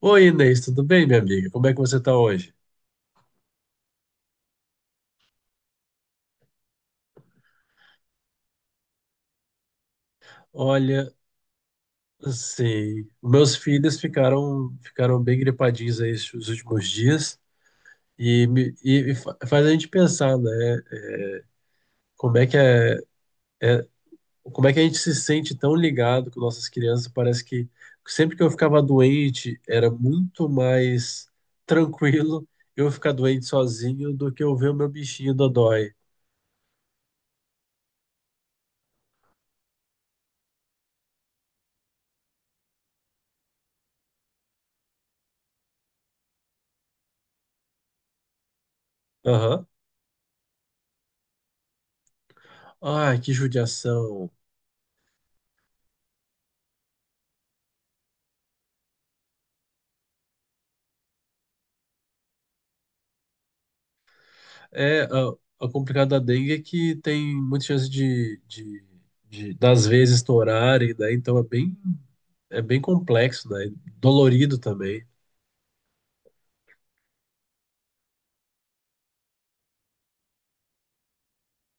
Oi, Inês, tudo bem, minha amiga? Como é que você tá hoje? Olha, assim, meus filhos ficaram bem gripadinhos aí esses últimos dias e, faz a gente pensar, né? Como é que é, como é que a gente se sente tão ligado com nossas crianças? Parece que sempre que eu ficava doente era muito mais tranquilo eu ficar doente sozinho do que eu ver o meu bichinho dodói. Aham. Ai, que judiação. É, a complicada da dengue é que tem muita chance das vezes estourarem, né? Então é bem complexo, né? Dolorido também.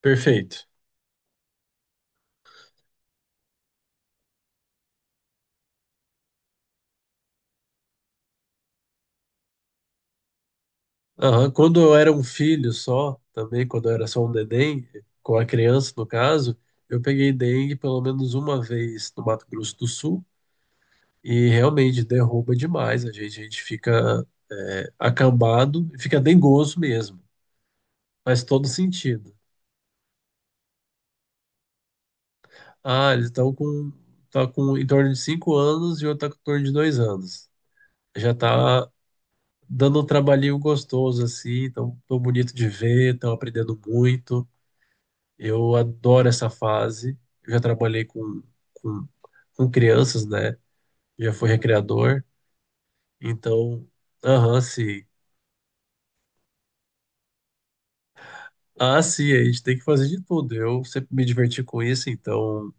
Perfeito. Aham. Quando eu era um filho só, também, quando eu era só um neném, com a criança no caso, eu peguei dengue pelo menos uma vez no Mato Grosso do Sul e realmente derruba demais a gente. A gente fica acambado e fica dengoso mesmo, faz todo sentido. Ah, eles estão com, tá com em torno de 5 anos e outro tá com em torno de 2 anos. Já tá dando um trabalhinho gostoso, assim, tão, tão bonito de ver, estão aprendendo muito. Eu adoro essa fase. Eu já trabalhei com, com crianças, né? Já fui recreador. Então, aham, sim. Ah, sim, a gente tem que fazer de tudo. Eu sempre me diverti com isso, então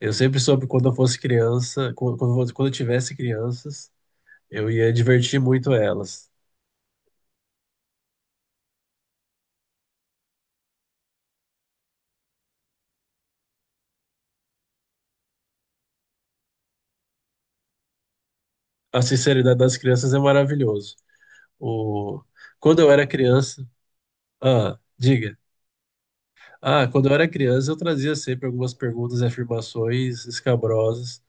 eu sempre soube quando eu fosse criança, quando eu quando eu tivesse crianças, eu ia divertir muito elas. A sinceridade das crianças é maravilhoso. O... Quando eu era criança. Ah, diga. Ah, quando eu era criança, eu trazia sempre algumas perguntas e afirmações escabrosas.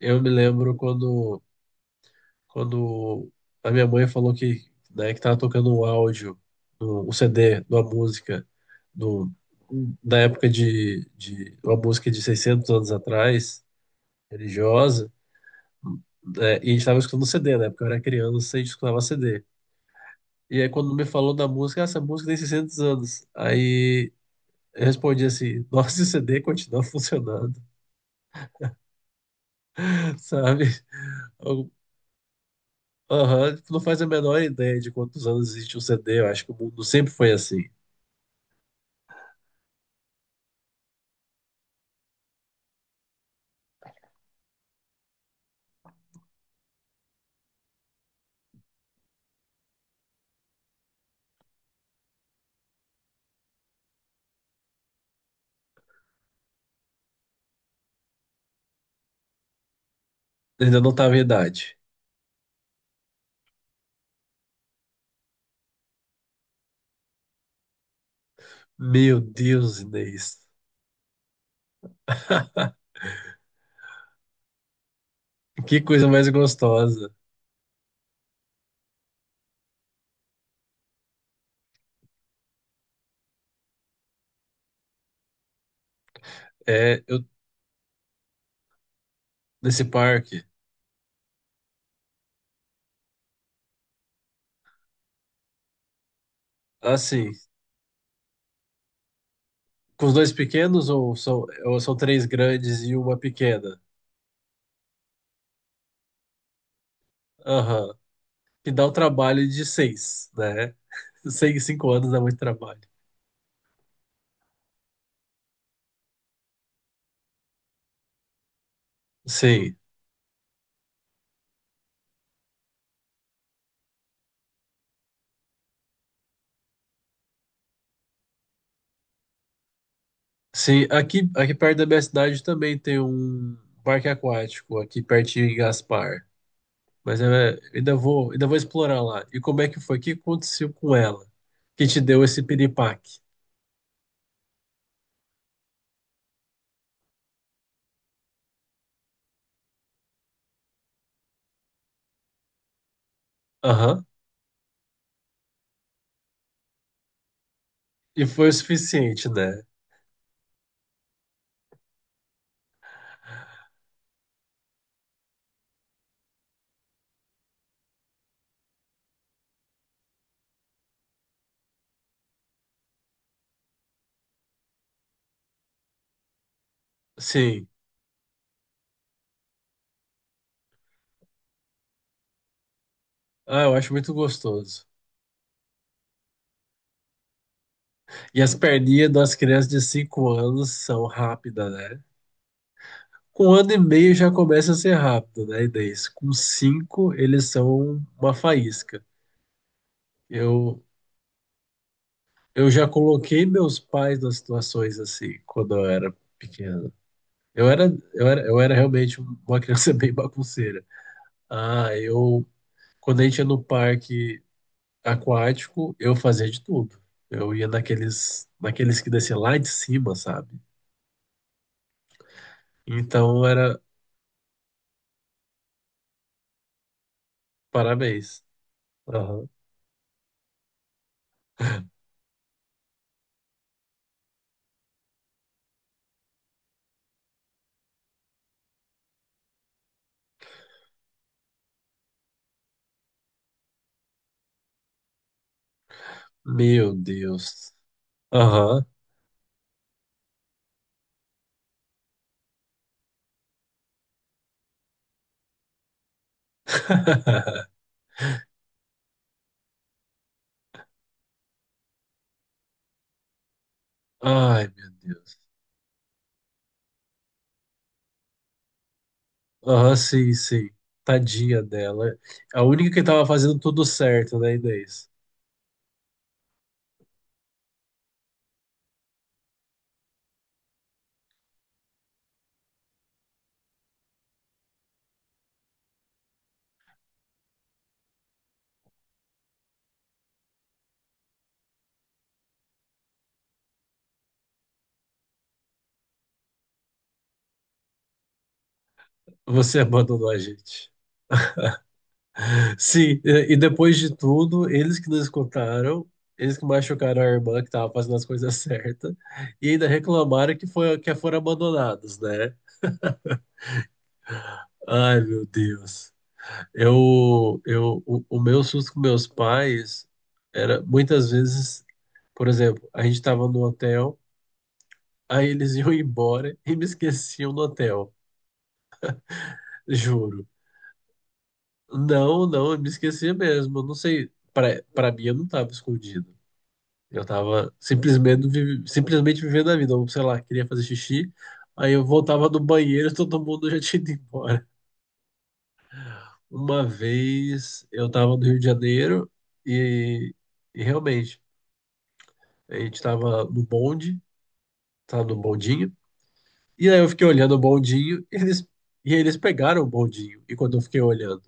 Eu me lembro quando a minha mãe falou que, né, que tava tocando um áudio, um CD, de uma música, do, da época de uma música de 600 anos atrás, religiosa. Né, e a gente estava escutando CD, né? Porque eu era criança e a gente escutava CD. E aí, quando me falou da música, "Ah, essa música tem 600 anos." Aí eu respondi assim: nossa, esse CD continua funcionando, sabe? Eu, Aham, tipo, não faz a menor ideia de quantos anos existe um CD. Eu acho que o mundo sempre foi assim. Ainda não tava em idade. Meu Deus, Inês. Que coisa mais gostosa. É, eu nesse parque. Assim, com os dois pequenos ou são três grandes e uma pequena? Aham. Que dá o trabalho de seis, né? Sei que 5 anos dá muito trabalho. Sim, sim. Aqui perto da minha cidade também tem um parque aquático, aqui pertinho em Gaspar. Mas eu ainda ainda vou explorar lá. E como é que foi? O que aconteceu com ela? Que te deu esse piripaque? Aham. E foi o suficiente, né? Sim. Ah, eu acho muito gostoso. E as perninhas das crianças de 5 anos são rápidas, né? Com 1 ano e meio já começa a ser rápido, né? E daí, com 5 eles são uma faísca. Eu, eu já coloquei meus pais nas situações assim, quando eu era pequeno. Eu era, eu era realmente uma criança bem bagunceira. Ah, eu, Quando a gente ia no parque aquático, eu fazia de tudo. Eu ia naqueles que descia lá de cima, sabe? Então era, parabéns. Aham. Meu Deus. Aham. Ai, meu Deus. Aham, sim, sim. Tadinha dela. A única que tava fazendo tudo certo, né, Inês? Você abandonou a gente. Sim, e depois de tudo, eles que nos escutaram, eles que machucaram a irmã que estava fazendo as coisas certas, e ainda reclamaram que foram abandonados, né? Ai, meu Deus. O meu susto com meus pais era muitas vezes, por exemplo, a gente estava no hotel, aí eles iam embora e me esqueciam no hotel. Juro. Não, não, eu me esqueci mesmo. Eu não sei. Pra mim, eu não tava escondido. Eu tava simplesmente, simplesmente vivendo a vida. Eu, sei lá, queria fazer xixi. Aí eu voltava do banheiro e todo mundo já tinha ido embora. Uma vez eu tava no Rio de Janeiro e, e realmente, a gente tava no bonde, tava no bondinho. E aí eu fiquei olhando o bondinho e eles pegaram o bondinho. E quando eu fiquei olhando,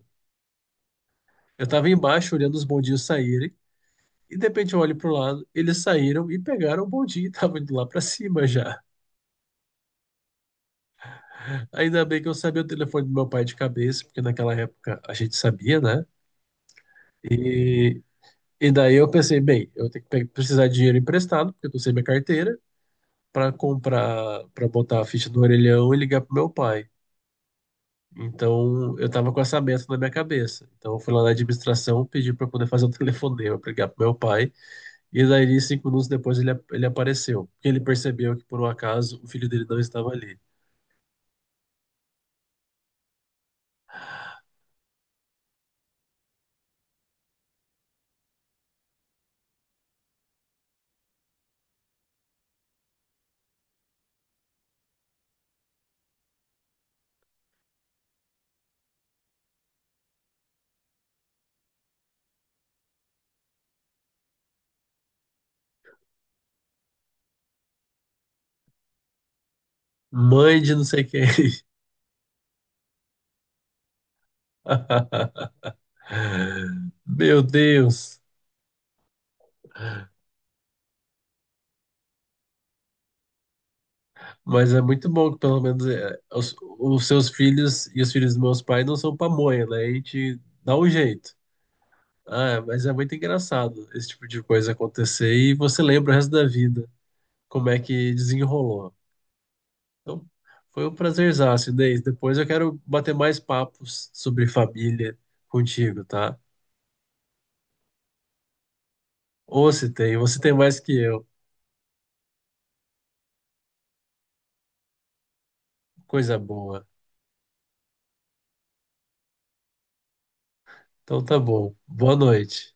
eu tava embaixo olhando os bondinhos saírem. E de repente eu olho pro lado, eles saíram e pegaram o bondinho e estavam indo lá pra cima já. Ainda bem que eu sabia o telefone do meu pai de cabeça, porque naquela época a gente sabia, né? E, e daí eu pensei, bem, eu tenho que precisar de dinheiro emprestado, porque eu não sei minha carteira, pra botar a ficha do orelhão e ligar pro meu pai. Então eu tava com essa meta na minha cabeça. Então eu fui lá na administração, pedi pra poder fazer um telefonema, pra ligar pro meu pai. E daí, 5 minutos depois, ele apareceu. Porque ele percebeu que, por um acaso, o filho dele não estava ali. Mãe de não sei quem. Meu Deus. Mas é muito bom que, pelo menos, é, os seus filhos e os filhos dos meus pais não são pamonha, né? A gente dá um jeito. Ah, mas é muito engraçado esse tipo de coisa acontecer e você lembra o resto da vida como é que desenrolou. Então, foi um prazerzaço, Inês. Depois eu quero bater mais papos sobre família contigo, tá? Ou se tem, você tem mais que eu. Coisa boa. Então tá bom. Boa noite.